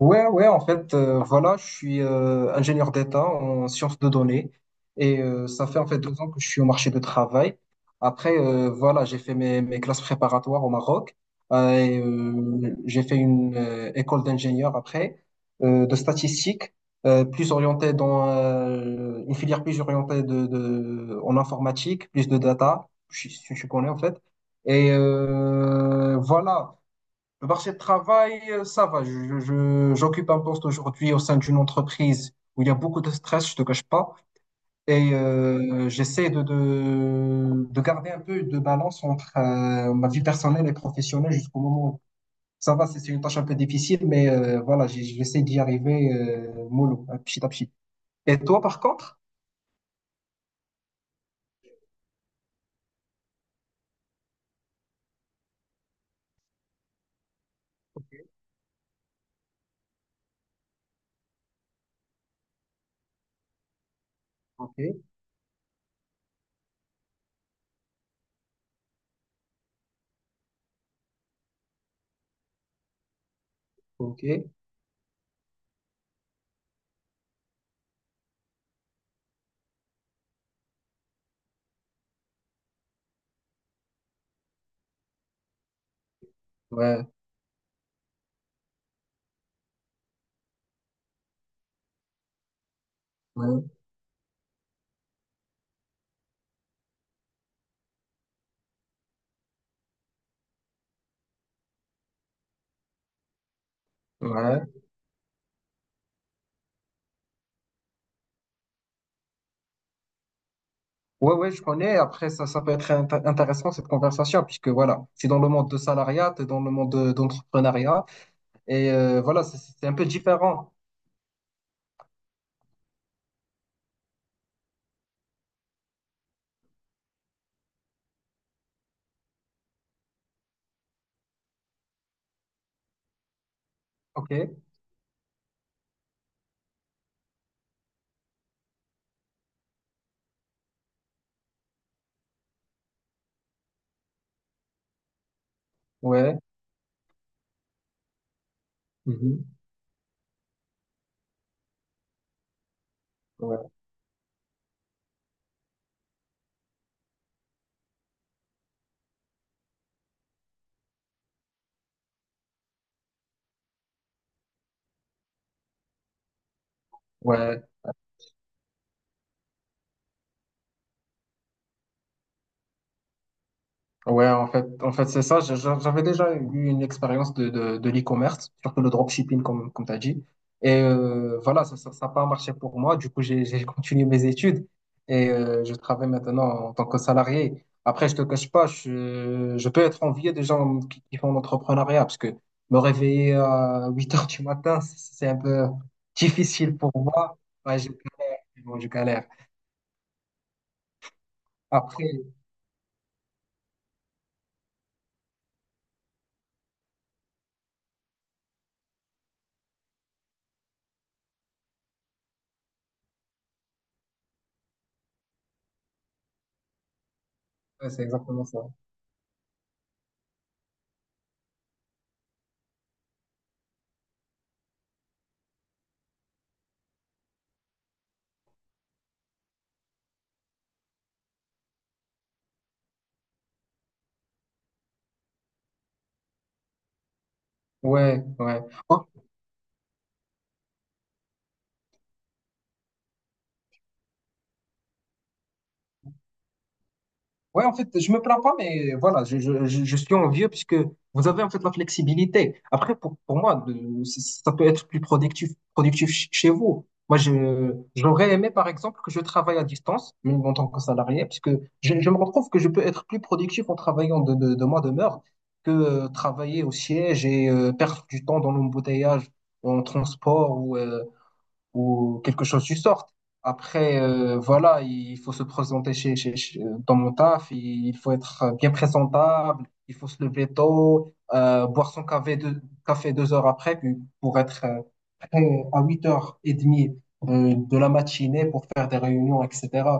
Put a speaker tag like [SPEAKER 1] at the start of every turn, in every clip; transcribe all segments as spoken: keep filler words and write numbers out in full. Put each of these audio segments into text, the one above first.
[SPEAKER 1] Ouais, ouais, en fait, euh, voilà, je suis euh, ingénieur d'État en sciences de données et euh, ça fait en fait deux ans que je suis au marché du travail. Après, euh, voilà, j'ai fait mes, mes classes préparatoires au Maroc euh, et euh, j'ai fait une euh, école d'ingénieur après euh, de statistique, euh, plus orientée dans euh, une filière plus orientée de, de- en informatique, plus de data, je, suis- je connais en fait. Et euh, voilà. Le marché de travail, euh, ça va. Je, je- j'occupe un poste aujourd'hui au sein d'une entreprise où il y a beaucoup de stress, je te cache pas. Et euh, j'essaie de, de, de garder un peu de balance entre euh, ma vie personnelle et professionnelle jusqu'au moment où ça va. C'est c'est une tâche un peu difficile, mais euh, voilà, j'ai- j'essaie d'y arriver euh, mollo, hein, petit à petit. Et toi, par contre? Ok, ok, ouais, ouais, ouais. Ouais, ouais, je connais. Après, ça, ça peut être int- intéressant cette conversation, puisque voilà, c'est dans le monde de salariat, t'es dans le monde de- d'entrepreneuriat, et euh, voilà, c'est c'est un peu différent. Ok, ouais, mhm, ouais, ouais. Ouais, en fait, en fait, c'est ça. J'ai- j'ai- J'avais déjà eu une expérience de, de, de l'e-commerce, surtout le dropshipping, comme, comme tu as dit. Et euh, voilà, ça, ça, ça n'a pas marché pour moi. Du coup, j'ai, j'ai continué mes études et euh, je travaille maintenant en tant que salarié. Après, je te cache pas, je, je peux être envié des gens qui, qui font l'entrepreneuriat parce que me réveiller à huit heures du matin, c'est c'est un peu difficile pour moi. Ouais, je galère, je galère. Après, ouais, c'est exactement ça. Ouais, ouais. Ouais, en fait, je me plains pas, mais voilà, je, je, je, je suis envieux puisque vous avez en fait la flexibilité. Après, pour, pour moi, de- c- ça peut être plus productif, productif ch- chez vous. Moi, je, j'aurais aimé, par exemple, que je travaille à distance, même en tant que salarié, puisque je, je me retrouve que je peux être plus productif en travaillant de, de, de ma demeure que euh, travailler au siège et euh, perdre du temps dans l'embouteillage, en transport ou euh, ou quelque chose du sort. Après, euh, voilà, il faut se présenter chez, chez, chez- dans mon taf, il faut être bien présentable, il faut se lever tôt, euh, boire son café deux, café deux heures après puis pour être euh, prêt à huit heures trente de, de la matinée pour faire des réunions, et cetera.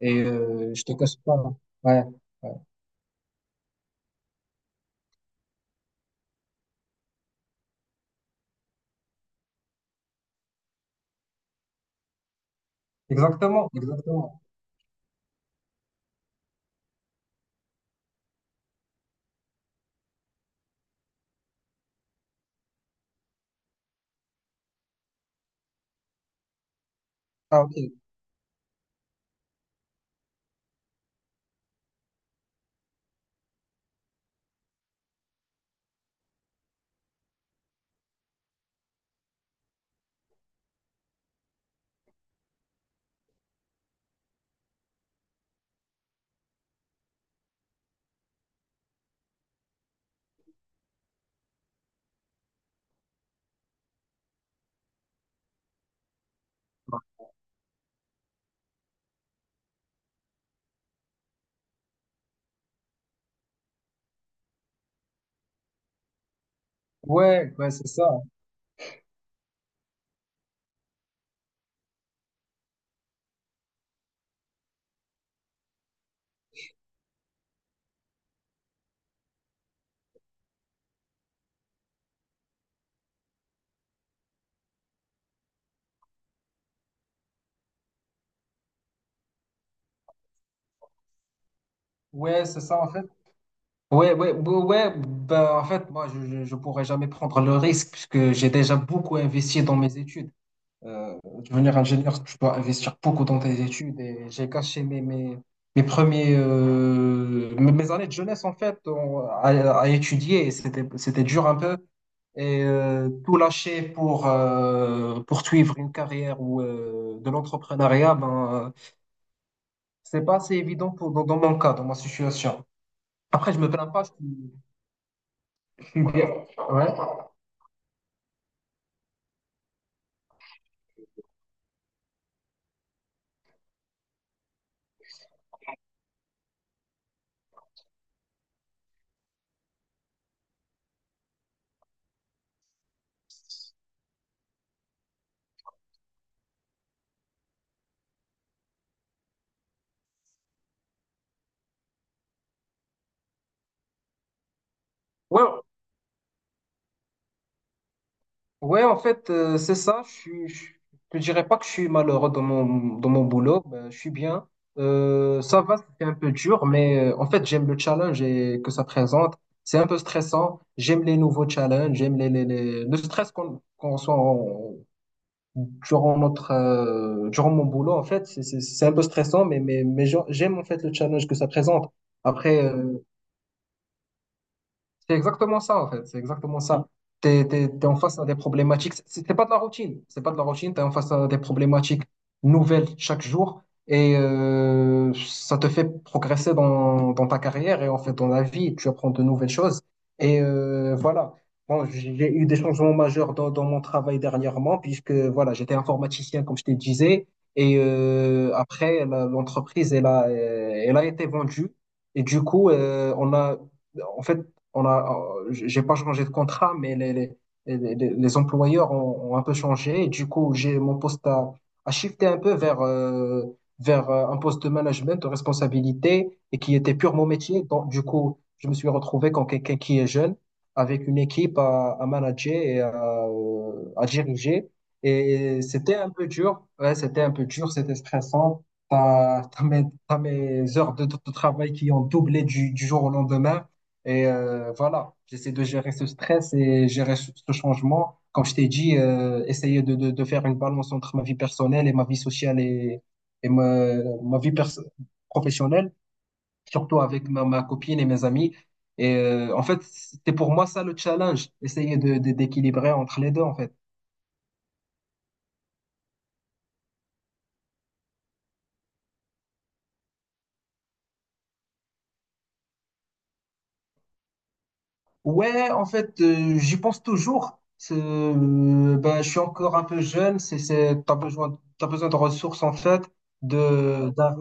[SPEAKER 1] Et euh, je te cache pas, ouais. Ouais. Exactement, exactement. Ah, ok. Ouais, ouais, c'est ça. Ouais, c'est ça, en fait. Ouais, ouais, ouais, ouais, ben, en fait, moi, je, je, je pourrais jamais prendre le risque puisque j'ai déjà beaucoup investi dans mes études. Euh, Devenir ingénieur, tu dois investir beaucoup dans tes études et j'ai gâché mes, mes, mes premiers, euh, mes mes années de jeunesse en fait en- à, à étudier et c'était, c'était dur un peu. Et euh, tout lâcher pour euh, poursuivre une carrière ou euh, de l'entrepreneuriat, ben, euh, c'est pas assez évident pour, dans, dans mon cas, dans ma situation. Après, je me plains pas, je suis, je suis bien. Ouais. Ouais, ouais, en fait, euh, c'est ça. Je suis, je je dirais pas que je suis malheureux dans mon, dans mon boulot. Ben, je suis bien. Euh, ça va, c'est un peu dur, mais euh, en fait, j'aime le challenge et que ça présente. C'est un peu stressant. J'aime les nouveaux challenges. J'aime les, les, les- le stress qu'on qu'on soit en- durant notre euh, durant mon boulot. En fait, c'est c'est- c'est un peu stressant, mais mais mais j'en- j'aime en fait le challenge que ça présente. Après. euh, c'est exactement ça, en fait. C'est exactement ça. T'es, t'es, t'es en face à des problématiques. C'est c'est pas de la routine. C'est pas de la routine. T'es en face à des problématiques nouvelles chaque jour. Et euh, ça te fait progresser dans, dans ta carrière et en fait dans la vie. Tu apprends de nouvelles choses. Et euh, voilà. Bon, j'ai eu des changements majeurs dans, dans mon travail dernièrement, puisque voilà, j'étais informaticien, comme je te disais. Et euh, après, la- l'entreprise, elle a, elle a été vendue. Et du coup, euh, on a en fait, on a, euh, j'ai pas changé de contrat, mais les, les, les, les- employeurs ont, ont un peu changé. Et du coup, j'ai mon poste à à shifté un peu vers, euh, vers euh, un poste de management, de responsabilité, et qui était pure mon métier. Donc, du coup, je me suis retrouvé comme quelqu'un qui est jeune, avec une équipe à, à manager et à, euh, à diriger. Et c'était un peu dur. Ouais, c'était un peu dur, c'était stressant. T'as, t'as mes, t'as mes heures de, de travail qui ont doublé du, du jour au lendemain. Et euh, voilà, j'essaie de gérer ce stress et gérer ce ce changement. Comme je t'ai dit, euh, essayer de, de, de faire une balance entre ma vie personnelle et ma vie sociale et, et ma, ma vie perso- professionnelle, surtout avec ma, ma copine et mes amis. Et euh, en fait, c'était pour moi ça le challenge, essayer de, de- d'équilibrer entre les deux, en fait. Ouais, en fait, euh, j'y pense toujours. C'est- euh, ben, je suis encore un peu jeune, c'est, c'est, t'as besoin, t'as besoin de ressources, en fait de d'un.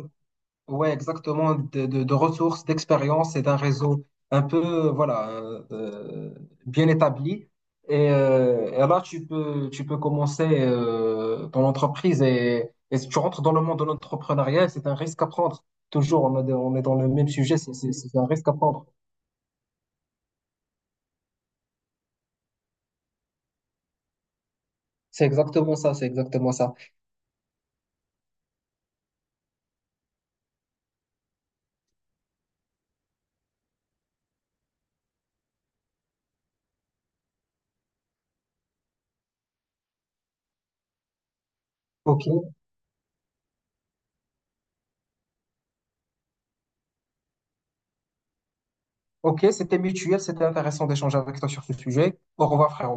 [SPEAKER 1] Ouais, exactement, de, de- de ressources, d'expériences et d'un réseau un peu, voilà, euh, bien établi. Et, euh, et là, tu peux, tu peux commencer euh, ton entreprise et, et si tu rentres dans le monde de l'entrepreneuriat, c'est un risque à prendre. Toujours, on, a des- on est dans le même sujet, c'est c'est- c'est un risque à prendre. C'est exactement ça, c'est exactement ça. Ok, ok, c'était mutuel, c'était intéressant d'échanger avec toi sur ce sujet. Au revoir, frère.